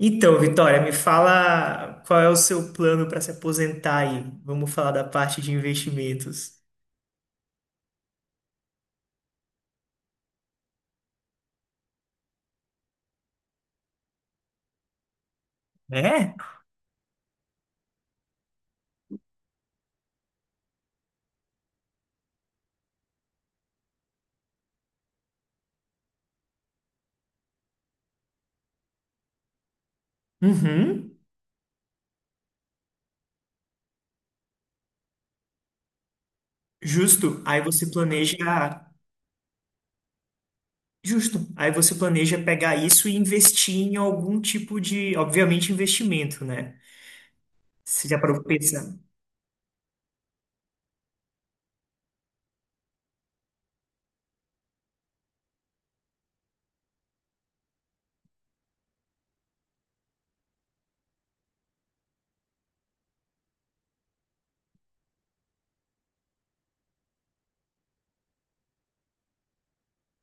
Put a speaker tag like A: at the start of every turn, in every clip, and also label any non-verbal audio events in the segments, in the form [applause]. A: Então, Vitória, me fala qual é o seu plano para se aposentar aí. Vamos falar da parte de investimentos. É? Uhum, justo. Aí você planeja, justo. Aí você planeja pegar isso e investir em algum tipo de, obviamente, investimento, né? Você já parou pra pensar?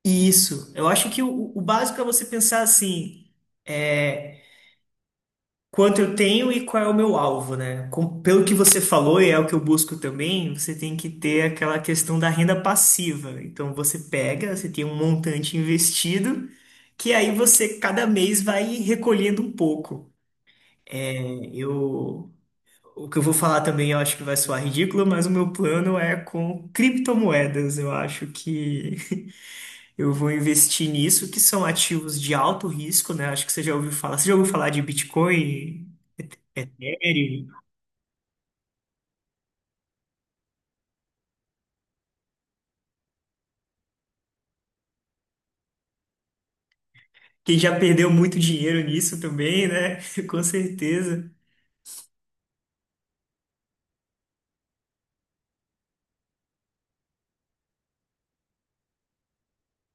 A: Isso. Eu acho que o básico é você pensar assim. é, Quanto eu tenho e qual é o meu alvo, né? Com- pelo que você falou, e é o que eu busco também, você tem que ter aquela questão da renda passiva. Então você pega, você tem um montante investido, que aí você cada mês vai recolhendo um pouco. É, Eu, o que eu vou falar também, eu acho que vai soar ridículo, mas o meu plano é com criptomoedas. Eu acho que [laughs] eu vou investir nisso, que são ativos de alto risco, né? Acho que você já ouviu falar. Você já ouviu falar de Bitcoin? Ethereum? Quem já perdeu muito dinheiro nisso também, né? [laughs] Com certeza.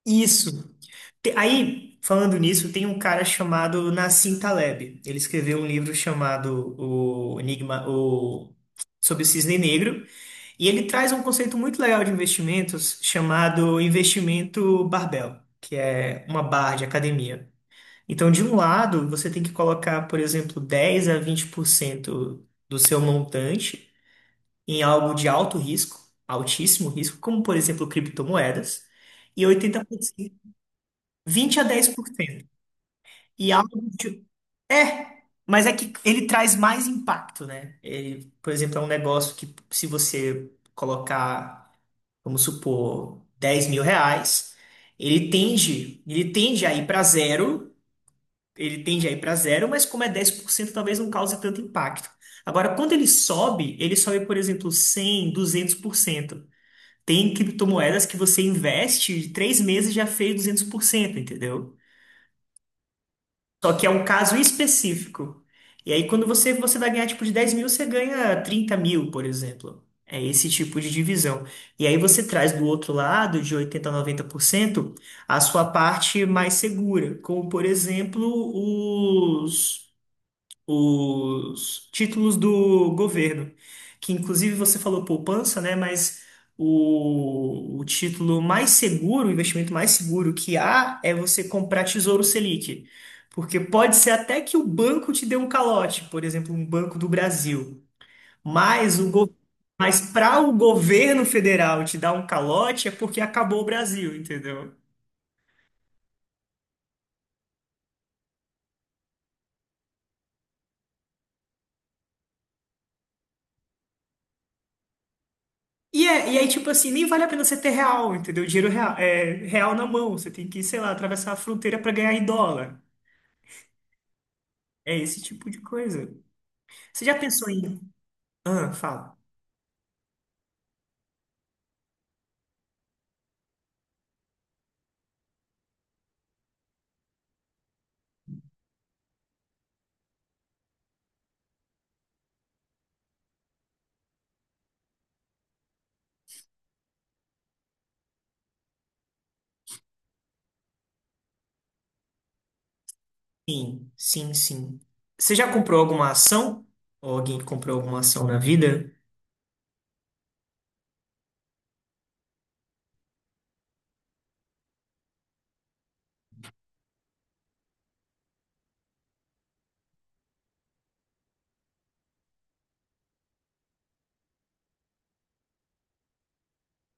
A: Isso. Aí, falando nisso, tem um cara chamado Nassim Taleb. Ele escreveu um livro chamado O Enigma, o sobre o Cisne Negro, e ele traz um conceito muito legal de investimentos chamado investimento barbell, que é uma barra de academia. Então, de um lado, você tem que colocar, por exemplo, 10 a 20% do seu montante em algo de alto risco, altíssimo risco, como por exemplo criptomoedas, e 80%, 20 a dez por cento. E algo de... É, mas é que ele traz mais impacto, né? Ele, por exemplo, é um negócio que se você colocar, vamos supor, R$ 10.000, ele tende a ir para zero, ele tende a ir para zero, mas como é 10%, talvez não cause tanto impacto. Agora, quando ele sobe, por exemplo, 100, 200%. Tem criptomoedas que você investe de três meses já fez 200%, entendeu? Só que é um caso específico. E aí, quando você vai ganhar tipo de 10 mil, você ganha 30 mil, por exemplo. É esse tipo de divisão. E aí você traz do outro lado, de 80 a 90% a sua parte mais segura, como por exemplo os os títulos do governo, que inclusive você falou poupança, né? Mas o título mais seguro, o investimento mais seguro que há é você comprar Tesouro Selic. Porque pode ser até que o banco te dê um calote, por exemplo, um Banco do Brasil. Mas mas para o governo federal te dar um calote é porque acabou o Brasil, entendeu? E aí, tipo assim, nem vale a pena você ter real, entendeu? Dinheiro real, real na mão. Você tem que, sei lá, atravessar a fronteira pra ganhar em dólar. É esse tipo de coisa. Você já pensou em. Ah, fala. Sim, sim, sim. Você já comprou alguma ação? Ou alguém comprou alguma ação na vida?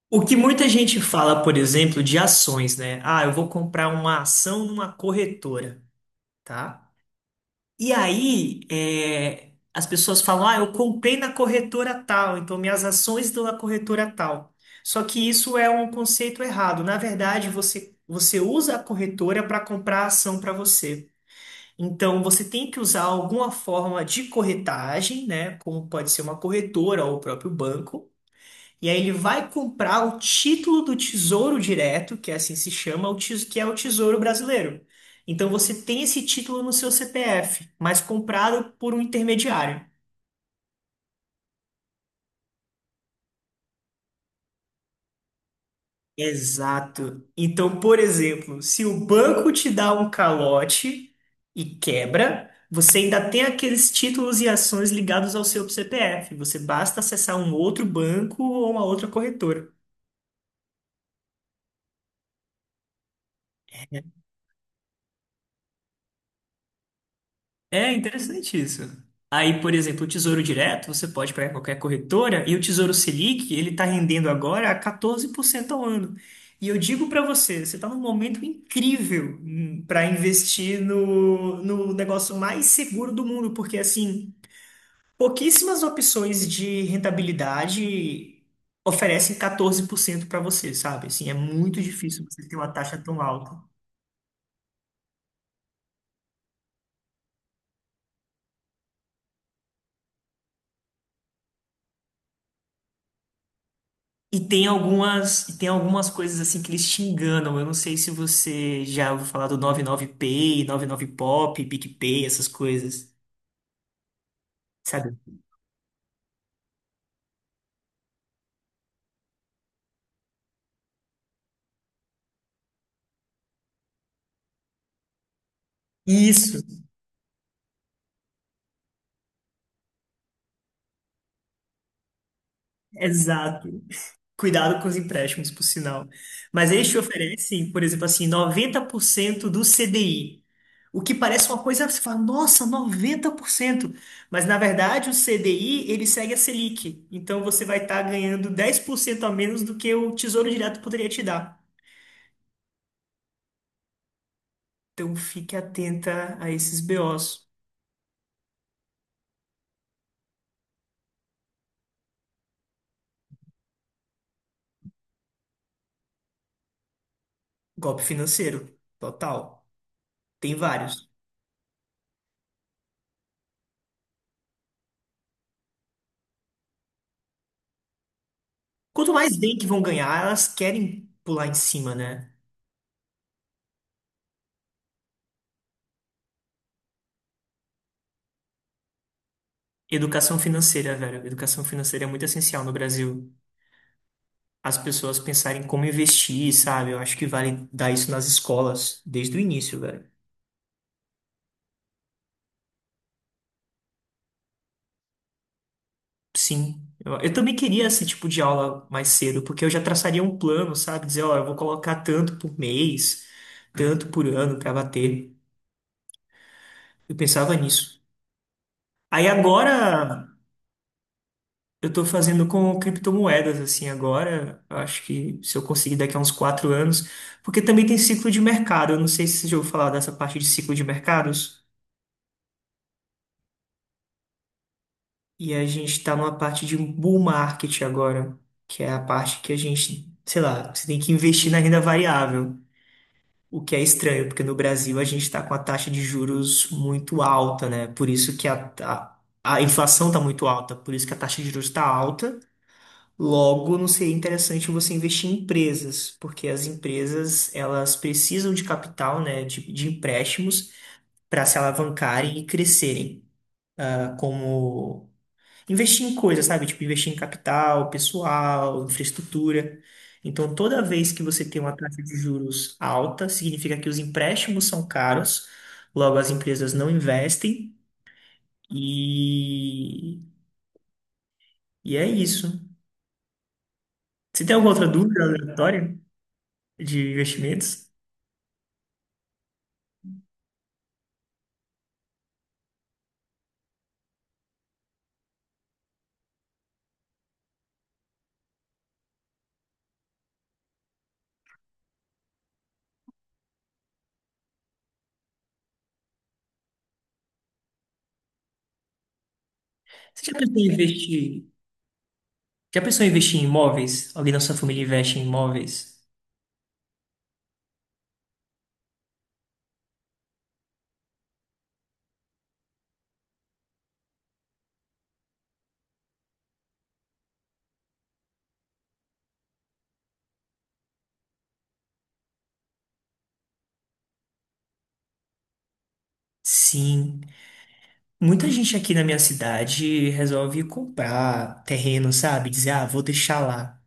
A: O que muita gente fala, por exemplo, de ações, né? Ah, eu vou comprar uma ação numa corretora, tá? E aí, as pessoas falam, ah, eu comprei na corretora tal, então minhas ações estão na corretora tal. Só que isso é um conceito errado. Na verdade, você usa a corretora para comprar a ação para você. Então, você tem que usar alguma forma de corretagem, né? Como pode ser uma corretora ou o próprio banco, e aí ele vai comprar o título do Tesouro Direto, que é assim se chama, que é o Tesouro Brasileiro. Então você tem esse título no seu CPF, mas comprado por um intermediário. Exato. Então, por exemplo, se o banco te dá um calote e quebra, você ainda tem aqueles títulos e ações ligados ao seu CPF. Você basta acessar um outro banco ou uma outra corretora. É interessante isso. Aí, por exemplo, o Tesouro Direto, você pode pegar qualquer corretora, e o Tesouro Selic ele está rendendo agora a 14% ao ano. E eu digo para você, você está num momento incrível para investir no negócio mais seguro do mundo, porque assim, pouquíssimas opções de rentabilidade oferecem 14% para você, sabe? Assim, é muito difícil você ter uma taxa tão alta. E tem algumas coisas assim que eles te enganam. Eu não sei se você já ouviu falar do 99Pay, 99Pop, PicPay, essas coisas, sabe? Isso, exato. Cuidado com os empréstimos, por sinal. Mas eles te oferecem, por exemplo, assim, 90% do CDI. O que parece uma coisa, você fala, nossa, 90%. Mas na verdade o CDI, ele segue a Selic. Então você vai estar ganhando 10% a menos do que o Tesouro Direto poderia te dar. Então fique atenta a esses BOs. Golpe financeiro, total. Tem vários. Quanto mais bem que vão ganhar, elas querem pular em cima, né? Educação financeira, velho. Educação financeira é muito essencial no Brasil. As pessoas pensarem como investir, sabe? Eu acho que vale dar isso nas escolas desde o início, velho. Sim. Eu também queria esse tipo de aula mais cedo, porque eu já traçaria um plano, sabe? Dizer, ó, eu vou colocar tanto por mês, tanto por ano pra bater. Eu pensava nisso. Aí agora eu tô fazendo com criptomoedas, assim, agora. Eu acho que se eu conseguir daqui a uns 4 anos, porque também tem ciclo de mercado. Eu não sei se você já ouviu falar dessa parte de ciclo de mercados. E a gente tá numa parte de um bull market agora, que é a parte que a gente, sei lá, você tem que investir na renda variável. O que é estranho, porque no Brasil a gente está com a taxa de juros muito alta, né? Por isso que a inflação está muito alta, por isso que a taxa de juros está alta. Logo, não seria interessante você investir em empresas, porque as empresas elas precisam de capital, né, de empréstimos para se alavancarem e crescerem. Ah, como investir em coisas, sabe? Tipo, investir em capital, pessoal, infraestrutura. Então, toda vez que você tem uma taxa de juros alta, significa que os empréstimos são caros, logo as empresas não investem e, e é isso. Você tem alguma outra dúvida aleatória de investimentos? Você já pensou em investir? Já pensou em investir em imóveis? Alguém da sua família investe em imóveis? Sim. Muita gente aqui na minha cidade resolve comprar terreno, sabe? Dizer, ah, vou deixar lá.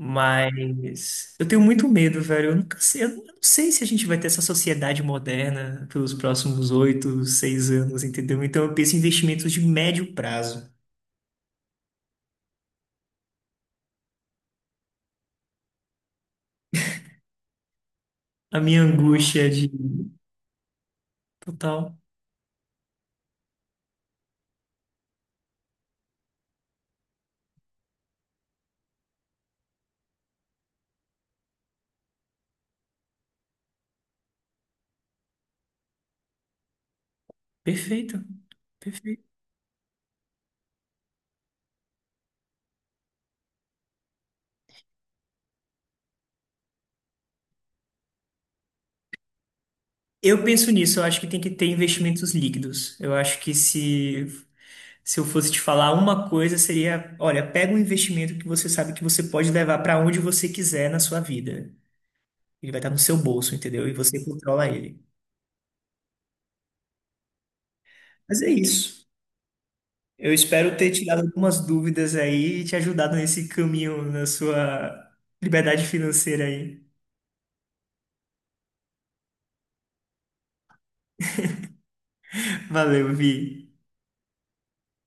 A: Mas eu tenho muito medo, velho. Eu nunca sei, eu não sei se a gente vai ter essa sociedade moderna pelos próximos 8, 6 anos, entendeu? Então eu penso em investimentos de médio prazo. A minha angústia é de total. Perfeito. Perfeito. Eu penso nisso, eu acho que tem que ter investimentos líquidos. Eu acho que se eu fosse te falar uma coisa, seria, olha, pega um investimento que você sabe que você pode levar para onde você quiser na sua vida. Ele vai estar no seu bolso, entendeu? E você controla ele. Mas é isso. Eu espero ter tirado algumas dúvidas aí e te ajudado nesse caminho na sua liberdade financeira aí. Valeu, Vi.